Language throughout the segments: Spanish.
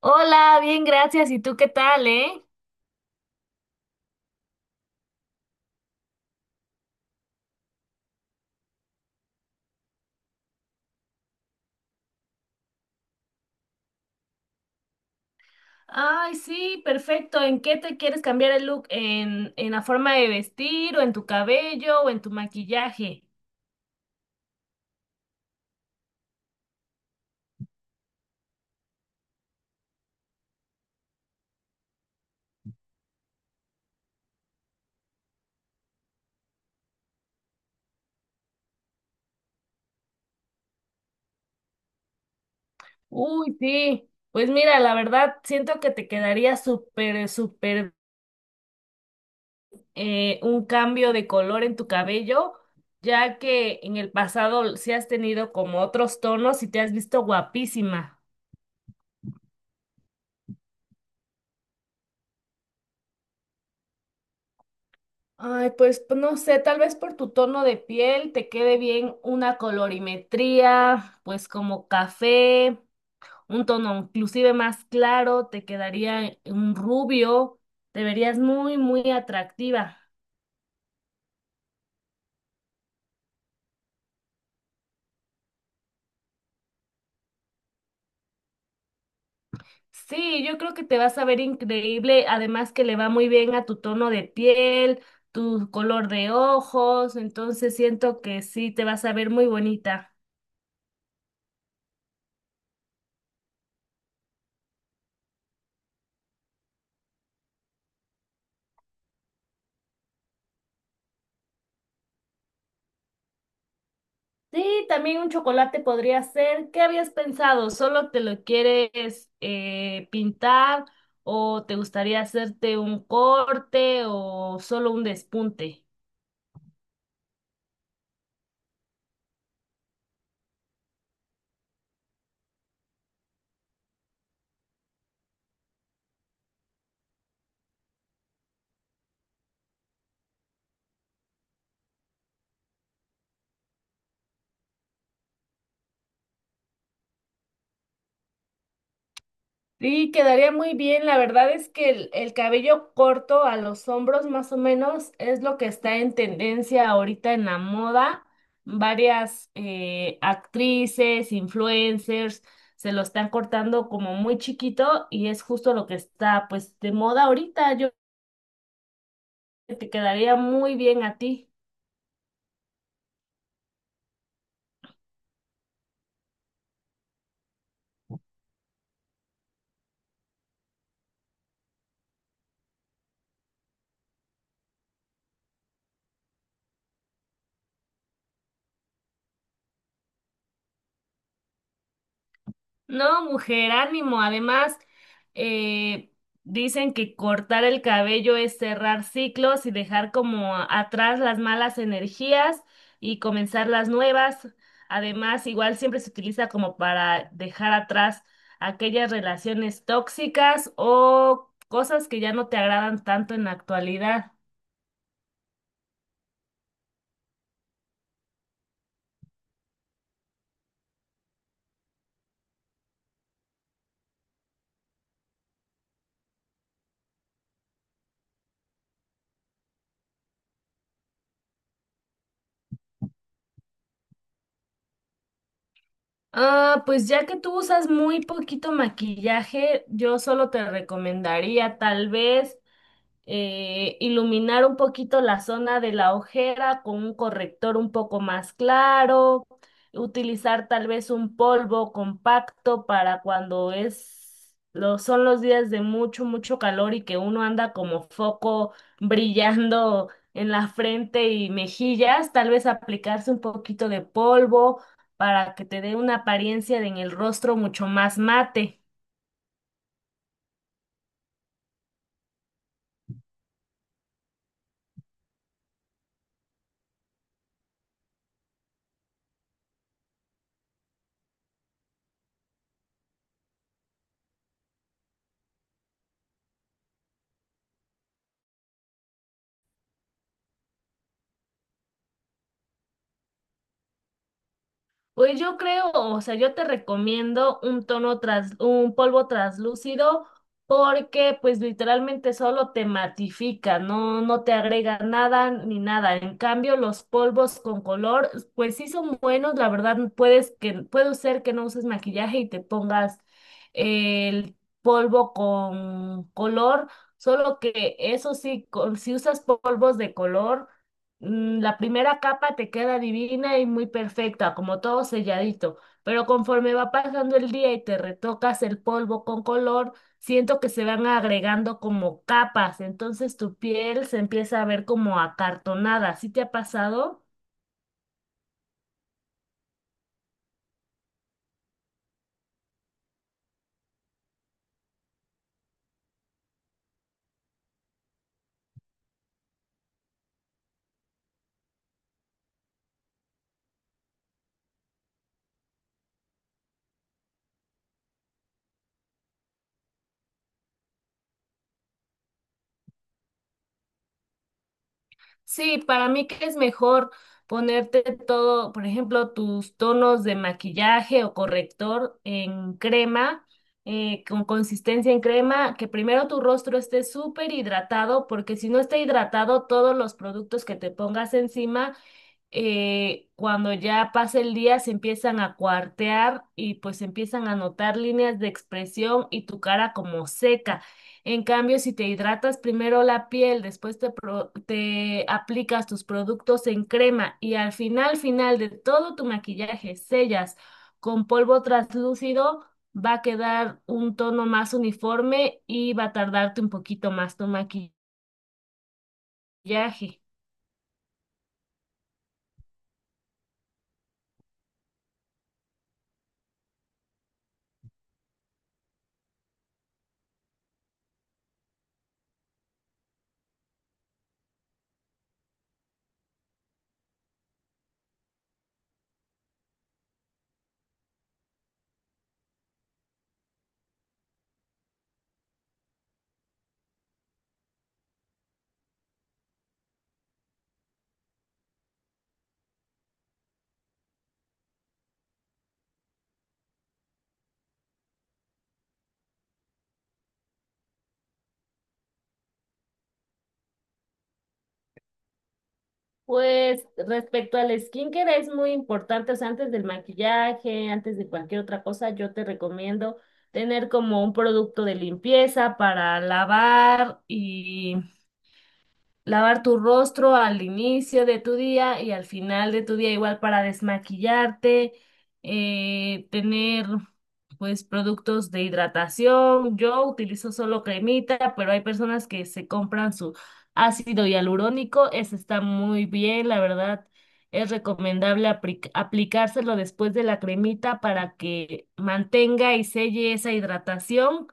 Hola, bien, gracias. ¿Y tú qué tal, Ay, sí, perfecto. ¿En qué te quieres cambiar el look? ¿En la forma de vestir o en tu cabello o en tu maquillaje? Uy, sí. Pues mira, la verdad, siento que te quedaría súper, súper, un cambio de color en tu cabello, ya que en el pasado sí has tenido como otros tonos y te has visto guapísima. Ay, pues no sé, tal vez por tu tono de piel te quede bien una colorimetría, pues como café, un tono inclusive más claro, te quedaría un rubio, te verías muy, muy atractiva. Sí, yo creo que te vas a ver increíble, además que le va muy bien a tu tono de piel, tu color de ojos, entonces siento que sí, te vas a ver muy bonita. Sí, también un chocolate podría ser. ¿Qué habías pensado? ¿Solo te lo quieres pintar o te gustaría hacerte un corte o solo un despunte? Sí, quedaría muy bien. La verdad es que el cabello corto a los hombros más o menos es lo que está en tendencia ahorita en la moda. Varias actrices, influencers se lo están cortando como muy chiquito y es justo lo que está pues de moda ahorita. Yo que te quedaría muy bien a ti. No, mujer, ánimo. Además, eh, dicen que cortar el cabello es cerrar ciclos y dejar como atrás las malas energías y comenzar las nuevas. Además, igual siempre se utiliza como para dejar atrás aquellas relaciones tóxicas o cosas que ya no te agradan tanto en la actualidad. Ah, pues ya que tú usas muy poquito maquillaje, yo solo te recomendaría tal vez iluminar un poquito la zona de la ojera con un corrector un poco más claro, utilizar tal vez un polvo compacto para cuando son los días de mucho, mucho calor y que uno anda como foco brillando en la frente y mejillas, tal vez aplicarse un poquito de polvo para que te dé una apariencia en el rostro mucho más mate. Pues yo creo, o sea, yo te recomiendo un un polvo translúcido porque pues literalmente solo te matifica, no, no te agrega nada ni nada. En cambio, los polvos con color, pues sí son buenos, la verdad, puede ser que no uses maquillaje y te pongas el polvo con color, solo que eso sí, si usas polvos de color la primera capa te queda divina y muy perfecta, como todo selladito, pero conforme va pasando el día y te retocas el polvo con color, siento que se van agregando como capas, entonces tu piel se empieza a ver como acartonada. ¿Sí te ha pasado? Sí, para mí que es mejor ponerte todo, por ejemplo, tus tonos de maquillaje o corrector en crema, con consistencia en crema, que primero tu rostro esté súper hidratado, porque si no está hidratado, todos los productos que te pongas encima cuando ya pasa el día se empiezan a cuartear y pues empiezan a notar líneas de expresión y tu cara como seca. En cambio, si te hidratas primero la piel, después te aplicas tus productos en crema y al final, final de todo tu maquillaje sellas con polvo translúcido, va a quedar un tono más uniforme y va a tardarte un poquito más tu maquillaje. Pues respecto al skincare es muy importante, o sea, antes del maquillaje, antes de cualquier otra cosa, yo te recomiendo tener como un producto de limpieza para lavar tu rostro al inicio de tu día y al final de tu día igual para desmaquillarte, tener pues productos de hidratación. Yo utilizo solo cremita, pero hay personas que se compran su ácido hialurónico. Ese está muy bien, la verdad. Es recomendable aplicárselo después de la cremita para que mantenga y selle esa hidratación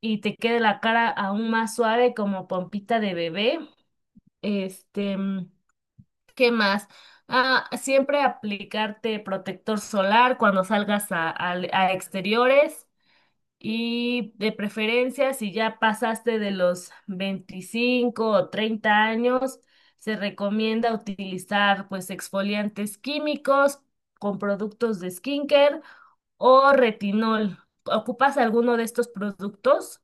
y te quede la cara aún más suave como pompita de bebé. Este, mm, ¿qué más? Ah, siempre aplicarte protector solar cuando salgas a exteriores y de preferencia si ya pasaste de los 25 o 30 años, se recomienda utilizar pues exfoliantes químicos con productos de skincare o retinol. ¿Ocupas alguno de estos productos?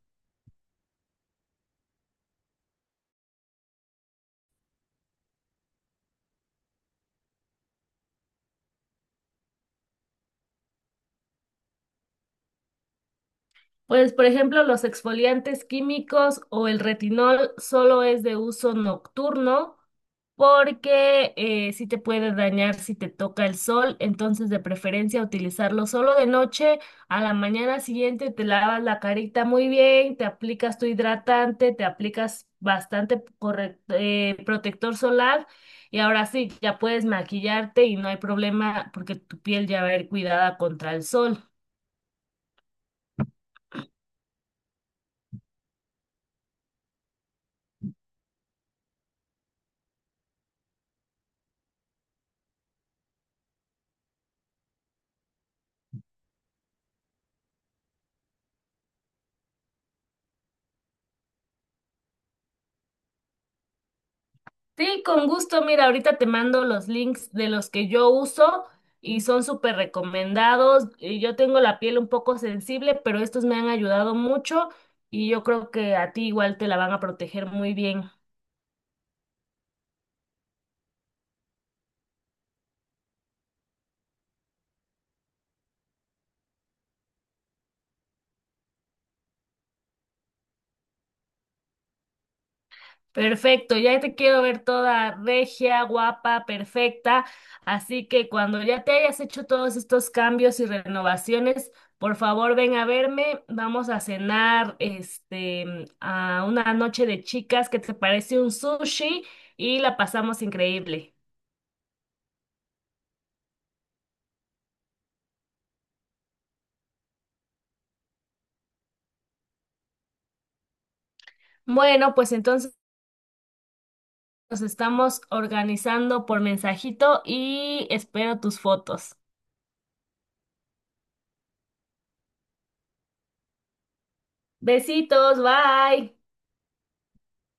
Pues, por ejemplo, los exfoliantes químicos o el retinol solo es de uso nocturno porque sí te puede dañar si te toca el sol, entonces de preferencia utilizarlo solo de noche. A la mañana siguiente te lavas la carita muy bien, te aplicas tu hidratante, te aplicas bastante protector solar y ahora sí, ya puedes maquillarte y no hay problema porque tu piel ya va a ir cuidada contra el sol. Sí, con gusto. Mira, ahorita te mando los links de los que yo uso y son súper recomendados. Yo tengo la piel un poco sensible, pero estos me han ayudado mucho y yo creo que a ti igual te la van a proteger muy bien. Perfecto, ya te quiero ver toda regia, guapa, perfecta. Así que cuando ya te hayas hecho todos estos cambios y renovaciones, por favor ven a verme. Vamos a cenar a una noche de chicas, que te parece un sushi y la pasamos increíble. Bueno, pues entonces nos estamos organizando por mensajito y espero tus fotos. Besitos, bye.